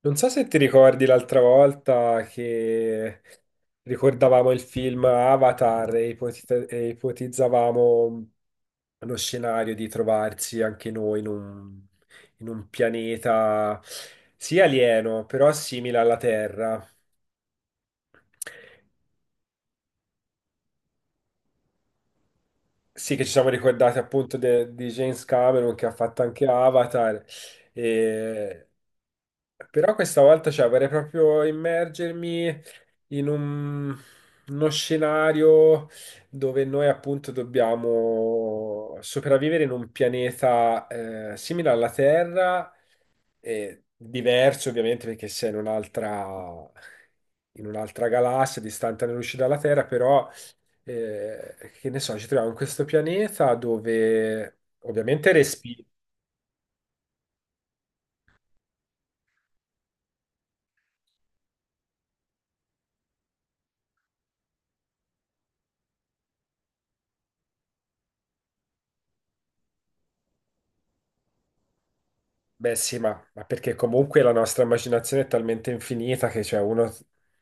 Non so se ti ricordi l'altra volta che ricordavamo il film Avatar e ipotizzavamo lo scenario di trovarsi anche noi in un pianeta sì alieno, però simile alla Terra. Sì, che ci siamo ricordati appunto di James Cameron che ha fatto anche Avatar. E... Però questa volta cioè, vorrei proprio immergermi in uno scenario dove noi appunto dobbiamo sopravvivere in un pianeta simile alla Terra, e diverso ovviamente perché sei in un'altra galassia distante anni luce dalla Terra, però che ne so, ci troviamo in questo pianeta dove ovviamente respiri. Beh, sì, ma perché comunque la nostra immaginazione è talmente infinita che cioè, uno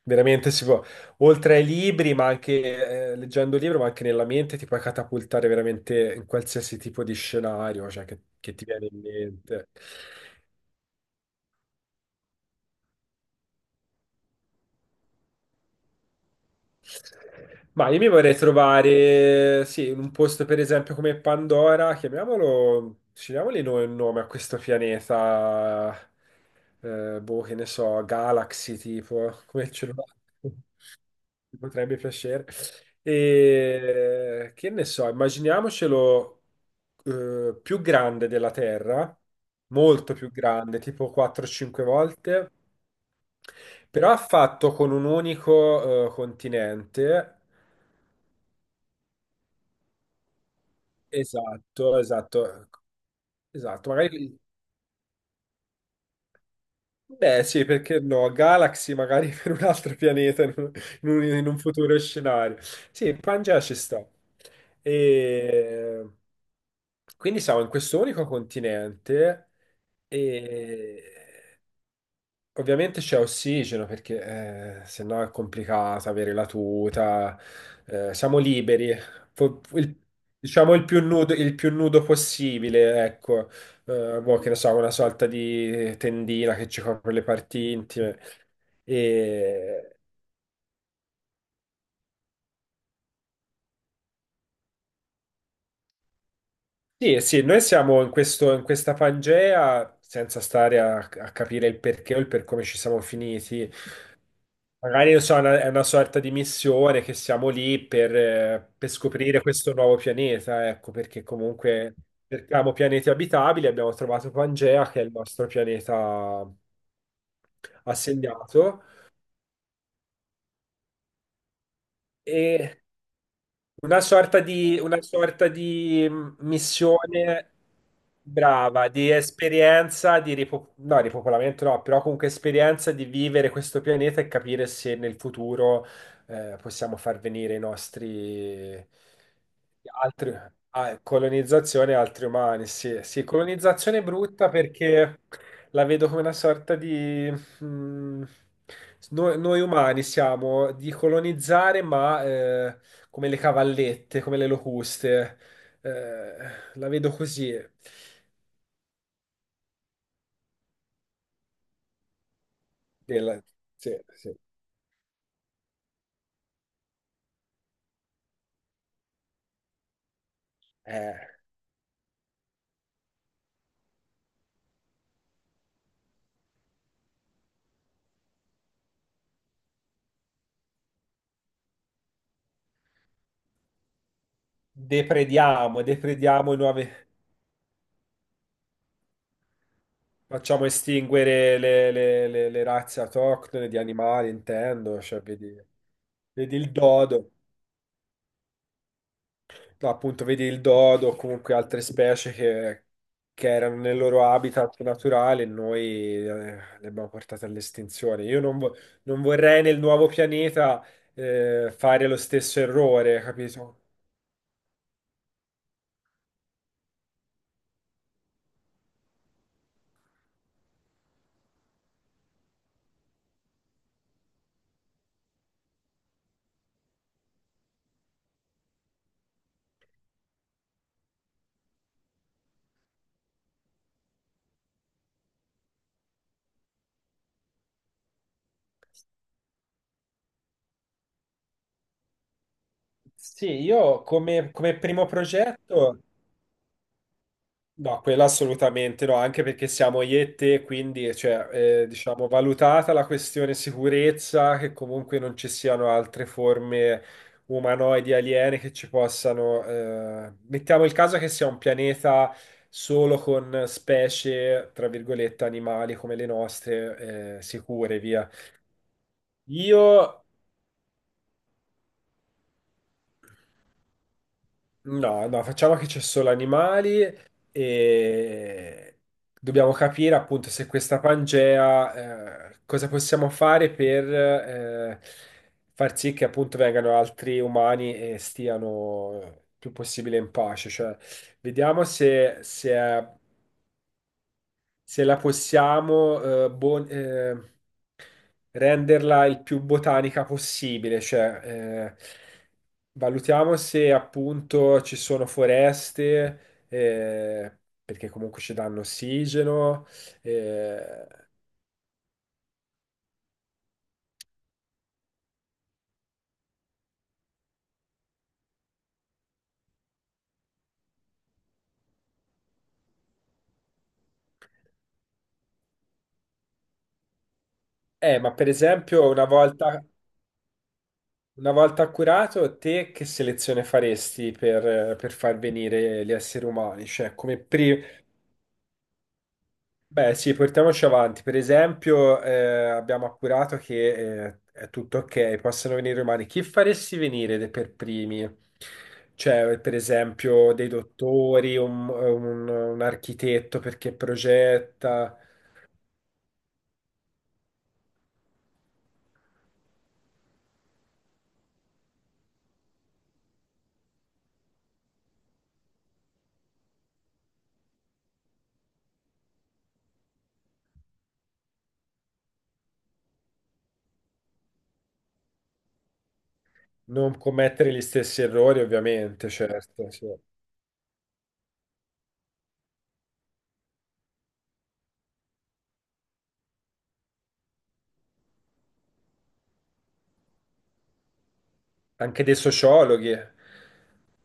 veramente si può, oltre ai libri, ma anche leggendo il libro, ma anche nella mente, ti puoi catapultare veramente in qualsiasi tipo di scenario, cioè, che ti viene in mente. Ma io mi vorrei trovare, sì, in un posto per esempio come Pandora, chiamiamolo, scegliamoli noi un nome a questo pianeta, boh, che ne so, Galaxy tipo, come ce l'ho? Mi potrebbe piacere. E che ne so, immaginiamocelo più grande della Terra, molto più grande, tipo 4-5 volte, però fatto con un unico continente. Esatto, esatto, esatto. Magari beh, sì, perché no? Galaxy magari per un altro pianeta in in un futuro scenario. Sì, Pangea ci sta. E... Quindi siamo in questo unico continente e ovviamente c'è ossigeno perché sennò è complicata avere la tuta, siamo liberi. Po- il- diciamo il più nudo possibile, ecco. Boh, che ne so, una sorta di tendina che ci copre le parti intime. Sì, eh sì, noi siamo in in questa Pangea senza stare a capire il perché o il per come ci siamo finiti. Magari non so, è è una sorta di missione che siamo lì per scoprire questo nuovo pianeta, ecco, perché comunque cerchiamo pianeti abitabili, abbiamo trovato Pangea, che è il nostro pianeta assegnato. E una sorta di missione brava, di esperienza, di ripopolamento no, però comunque esperienza di vivere questo pianeta e capire se nel futuro possiamo far venire i nostri altri, ah, colonizzazione e altri umani. Sì, sì, colonizzazione brutta perché la vedo come una sorta di... mh, noi umani siamo di colonizzare, ma... come le cavallette, come le locuste. Eh, la vedo così. Del- sì, sì. Eh, deprediamo, deprediamo i nuovi... Facciamo estinguere le razze autoctone di animali, intendo. Cioè, vedi, vedi il dodo. No, appunto, vedi il dodo o comunque altre specie che erano nel loro habitat naturale e noi eh, le abbiamo portate all'estinzione. Io non, vo- Non vorrei nel nuovo pianeta fare lo stesso errore, capito? Sì, io come, come primo progetto. No, quella assolutamente no, anche perché siamo io e te, quindi cioè, diciamo, valutata la questione sicurezza, che comunque non ci siano altre forme umanoidi aliene che ci possano... mettiamo il caso che sia un pianeta solo con specie, tra virgolette, animali come le nostre, sicure, via. Io no, no, facciamo che c'è solo animali e dobbiamo capire appunto se questa Pangea, cosa possiamo fare per far sì che appunto vengano altri umani e stiano più possibile in pace. Cioè, vediamo se, se la possiamo, renderla il più botanica possibile, cioè valutiamo se appunto ci sono foreste, perché comunque ci danno ossigeno, eh, ma per esempio una volta curato, te che selezione faresti per far venire gli esseri umani? Cioè come pri- beh, sì, portiamoci avanti. Per esempio, abbiamo appurato che è tutto ok, possono venire umani. Chi faresti venire per primi? Cioè, per esempio, dei dottori, un architetto perché progetta, non commettere gli stessi errori, ovviamente, certo, sì. Anche dei sociologhi,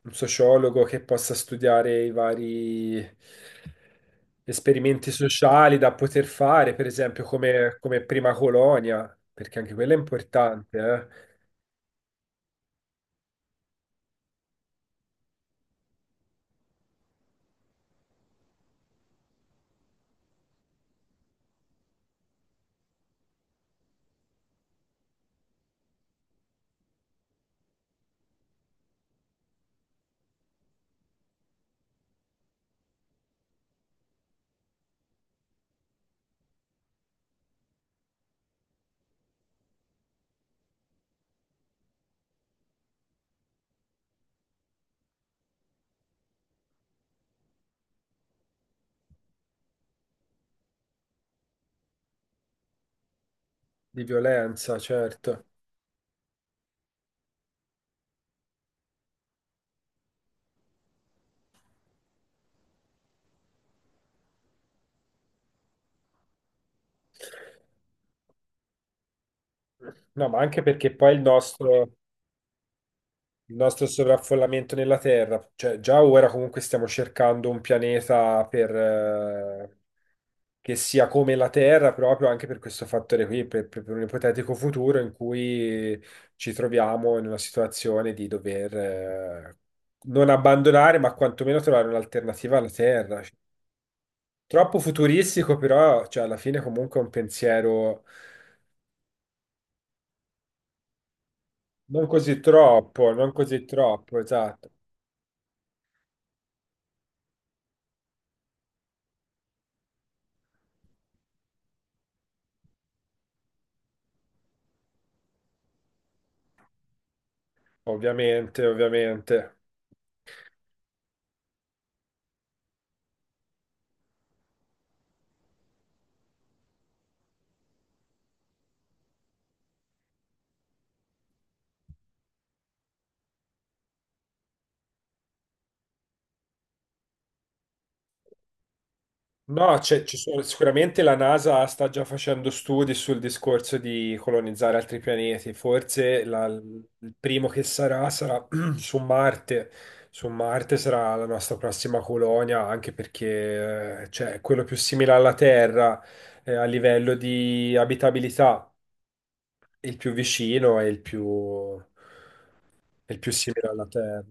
un sociologo che possa studiare i vari esperimenti sociali da poter fare, per esempio come, come prima colonia, perché anche quella è importante, di violenza, certo. No, ma anche perché poi il nostro sovraffollamento nella Terra. Cioè, già ora comunque stiamo cercando un pianeta per, che sia come la Terra, proprio anche per questo fattore qui, per un ipotetico futuro in cui ci troviamo in una situazione di dover, eh, non abbandonare, ma quantomeno trovare un'alternativa alla Terra. Troppo futuristico, però, cioè, alla fine comunque è un pensiero non così troppo, non così troppo, esatto. Ovviamente, ovviamente. No, sicuramente la NASA sta già facendo studi sul discorso di colonizzare altri pianeti. Forse il primo che sarà su Marte. Su Marte sarà la nostra prossima colonia, anche perché cioè, è quello più simile alla Terra a livello di abitabilità, il più vicino e il più simile alla Terra.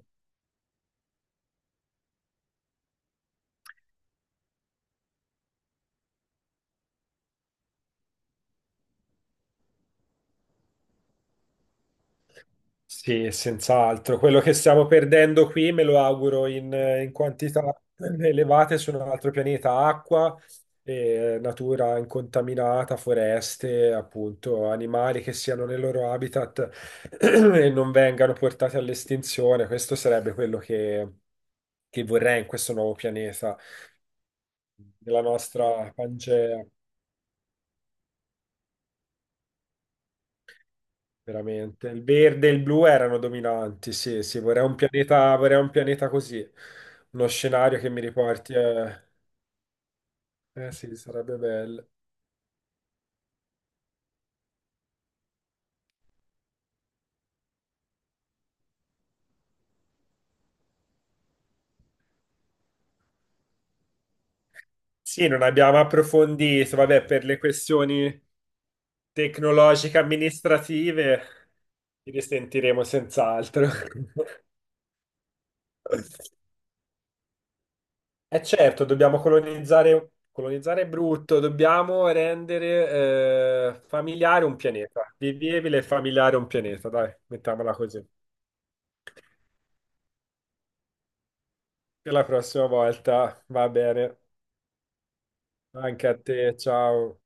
Sì, senz'altro. Quello che stiamo perdendo qui me lo auguro in quantità elevate su un altro pianeta, acqua, natura incontaminata, foreste, appunto, animali che siano nel loro habitat e non vengano portati all'estinzione. Questo sarebbe quello che vorrei in questo nuovo pianeta, nella nostra Pangea. Veramente il verde e il blu erano dominanti, sì, sì, vorrei un pianeta così, uno scenario che mi riporti, eh sì, sarebbe bello. Sì, non abbiamo approfondito, vabbè, per le questioni tecnologiche amministrative ci risentiremo senz'altro. E certo, dobbiamo colonizzare, colonizzare è brutto, dobbiamo rendere familiare un pianeta, vivibile e familiare un pianeta, dai, mettiamola così. Per la prossima volta, va bene. Anche a te, ciao.